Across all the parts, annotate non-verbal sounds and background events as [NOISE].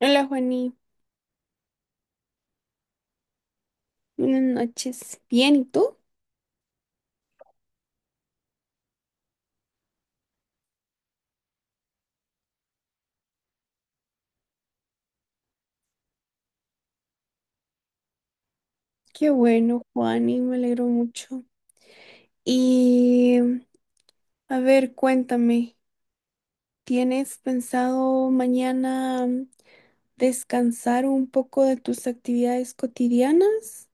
Hola, Juani. Buenas noches. Bien, ¿y tú? Qué bueno, Juani, me alegro mucho. Y a ver, cuéntame, ¿tienes pensado mañana descansar un poco de tus actividades cotidianas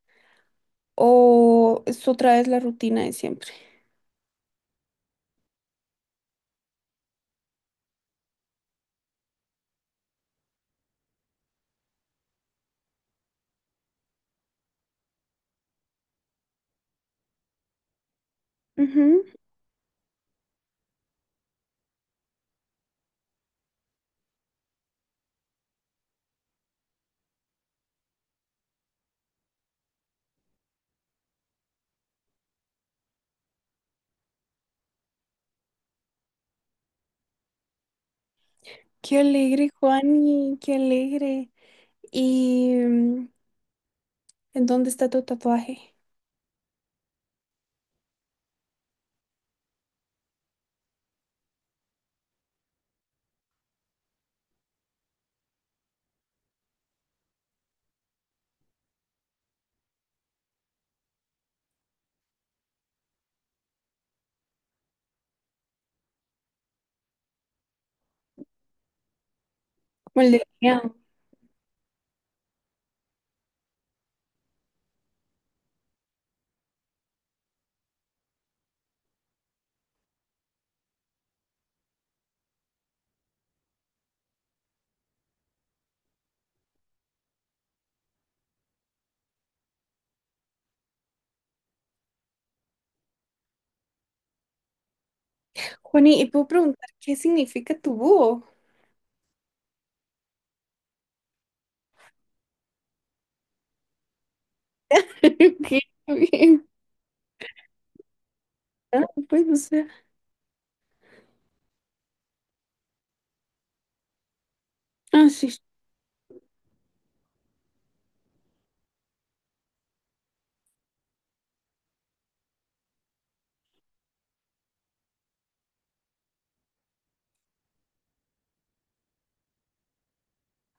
o es otra vez la rutina de siempre? Ujú. Qué alegre, Juani, qué alegre. ¿Y en dónde está tu tatuaje? Como el de Juani, ¿y puedo preguntar qué significa tu búho? [LAUGHS] Ok, ok. Ah, pues, o sea. Ah, sí.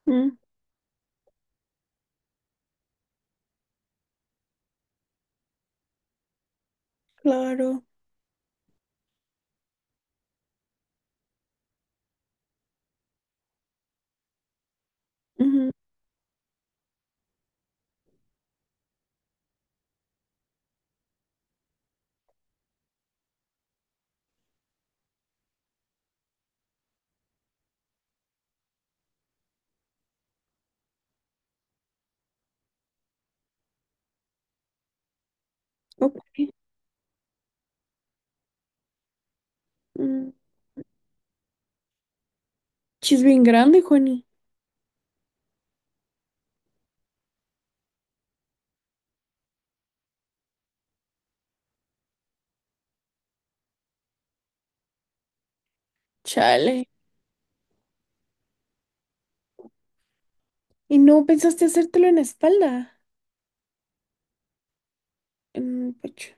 Mm, claro. Ujú, ok. Mm. Sí, es bien grande, Juani. Chale. ¿Y no pensaste hacértelo en la espalda? En el pecho.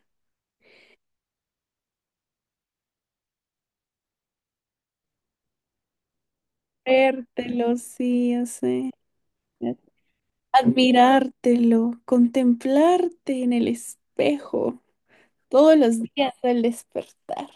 Vértelo, sí, ya sé. Admirártelo, contemplarte en el espejo todos los días al despertar.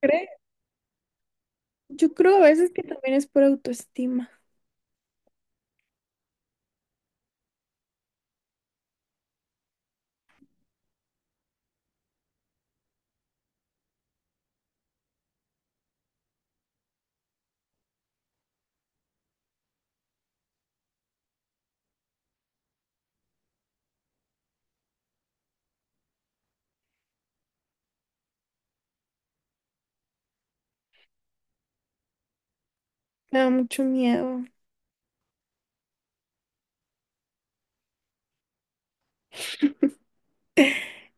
¿Crees? Yo creo a veces que también es por autoestima. Me da mucho miedo.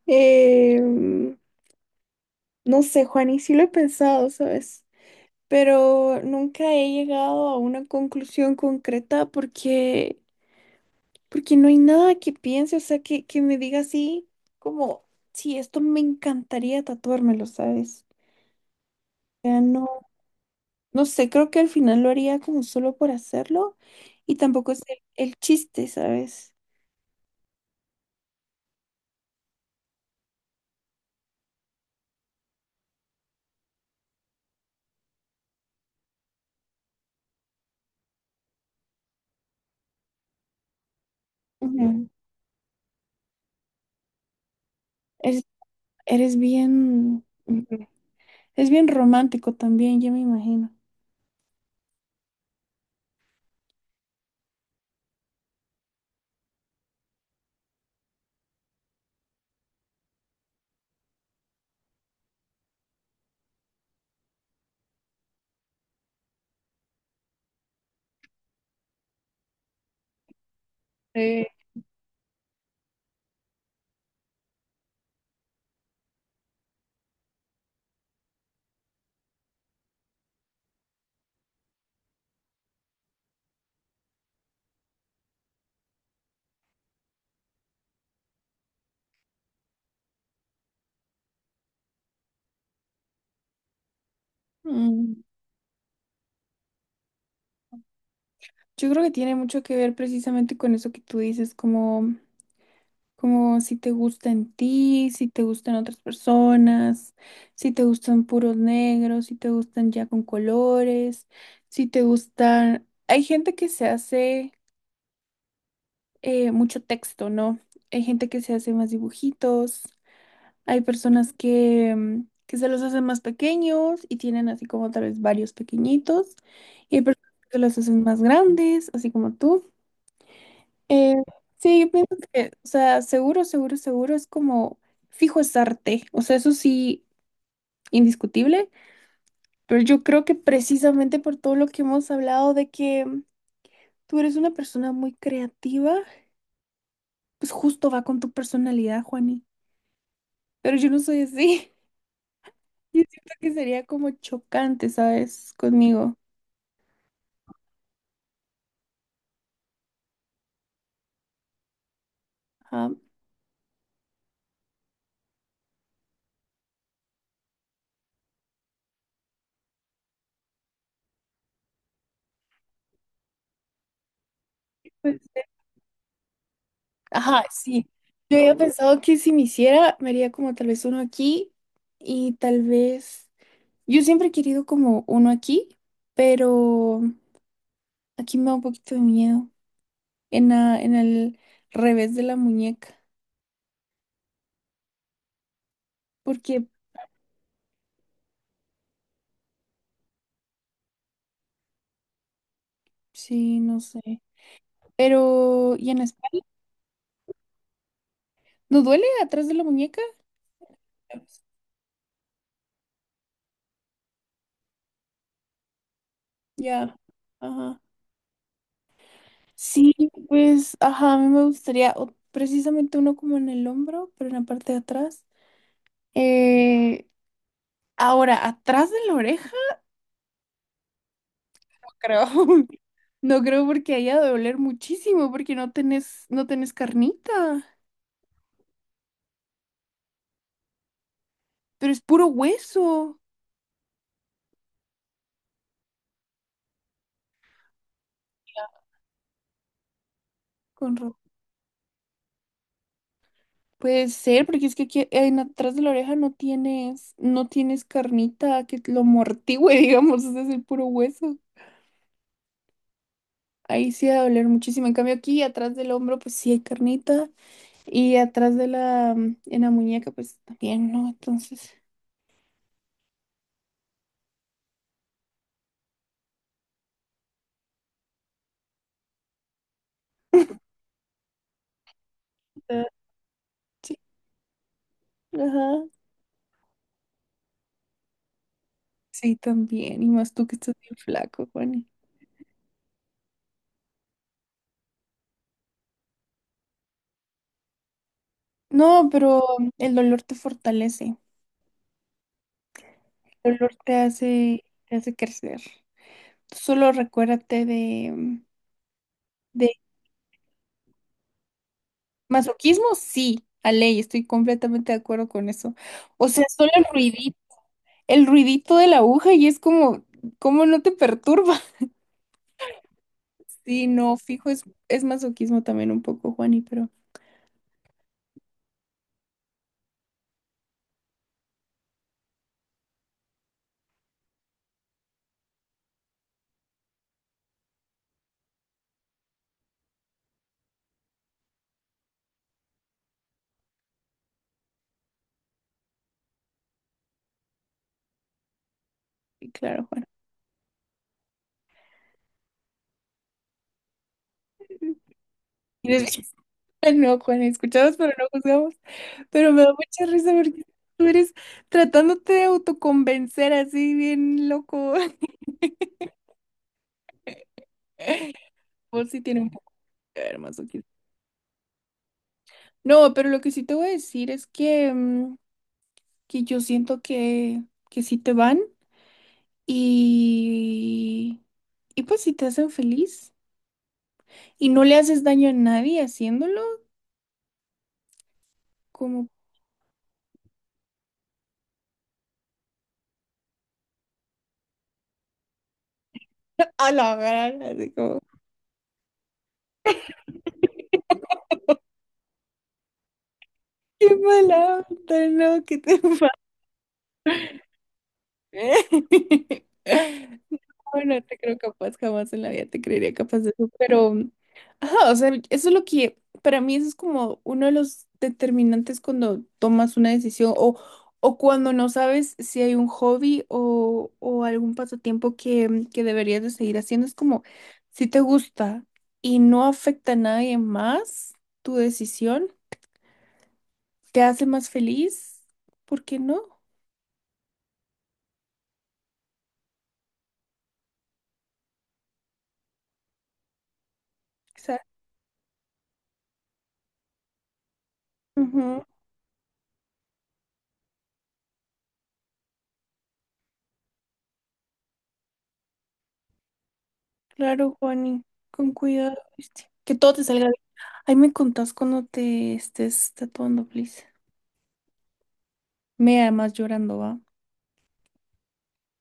Em, no sé, Juan, y sí lo he pensado, ¿sabes? Pero nunca he llegado a una conclusión concreta porque, porque no hay nada que piense, o sea, que me diga así, como, sí, esto me encantaría tatuármelo, ¿sabes? O sea, no, no sé, creo que al final lo haría como solo por hacerlo y tampoco es el chiste, ¿sabes? Ujú. Eres, eres bien, ujú. Es bien romántico también, ya me imagino. Sí. Mm. Yo creo que tiene mucho que ver precisamente con eso que tú dices, como, como si te gusta en ti, si te gustan otras personas, si te gustan puros negros, si te gustan ya con colores, si te gustan... Hay gente que se hace mucho texto, ¿no? Hay gente que se hace más dibujitos, hay personas que, que se los hacen más pequeños y tienen así como tal vez varios pequeñitos, y hay personas que los hacen más grandes, así como tú. Eh, sí, yo pienso que, o sea, seguro, seguro, seguro es como fijo es arte, o sea, eso sí, indiscutible, pero yo creo que precisamente por todo lo que hemos hablado de que tú eres una persona muy creativa, pues justo va con tu personalidad, Juani, pero yo no soy así, [LAUGHS] yo siento que sería como chocante, ¿sabes? Conmigo. Ajá, pues, ajá, sí. Yo había pensado que si me hiciera, me haría como tal vez uno aquí y tal vez... Yo siempre he querido como uno aquí, pero aquí me da un poquito de miedo. En, la- en el revés de la muñeca. Porque, sí, no sé. Pero, ¿y en la espalda? ¿No duele atrás de la muñeca? Ya. Ajá. Sí, pues, ajá, a mí me gustaría o- precisamente uno como en el hombro, pero en la parte de atrás. Eh, ahora, atrás de la oreja, [LAUGHS] creo. No creo porque haya de doler muchísimo, porque no tenés, no tenés carnita. Pero es puro hueso. Con ra- Puede ser, porque es que aquí en atrás de la oreja no tienes, no tienes carnita que lo amortigüe, [LAUGHS] digamos, ese es el puro hueso. Ahí sí va a doler muchísimo. En cambio aquí atrás del hombro, pues sí hay carnita. Y atrás de la, en la muñeca, pues también, ¿no? Entonces, ah, sí, ajá. Sí, también. Y más tú que estás bien flaco, Juani. No, pero el dolor te fortalece. El dolor te hace crecer. Solo recuérdate de masoquismo, sí, a ley, estoy completamente de acuerdo con eso. O sea, solo el ruidito de la aguja y es como, ¿cómo no te perturba? [LAUGHS] Sí, no, fijo, es masoquismo también un poco, Juani, pero sí, claro, Juan. [LAUGHS] Tienes- Ah, no, Juan, escuchamos pero no juzgamos. Pero me da mucha risa porque tú eres tratándote de autoconvencer así bien loco. [LAUGHS] Vos sí tiene un poco que ver masoquismo. No, pero lo que sí te voy a decir es que, que yo siento que sí te van y, y pues si te hacen feliz y no le haces daño a nadie haciéndolo, como a la gran, así como, qué mala onda, no, que te [LAUGHS] [LAUGHS] No, no te creo capaz, jamás en la vida te creería capaz de eso, pero, ajá, o sea, eso es lo que, para mí eso es como uno de los determinantes cuando tomas una decisión o cuando no sabes si hay un hobby o algún pasatiempo que deberías de seguir haciendo, es como, si te gusta y no afecta a nadie más tu decisión, te hace más feliz, ¿por qué no? O sea, claro, Juani, con cuidado, ¿viste? Que todo te salga bien. Ahí me contás cuando te estés tatuando, please. Me amas llorando, ¿va?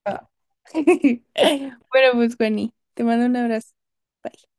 Ah. [LAUGHS] Bueno, pues, Juani, te mando un abrazo. Bye.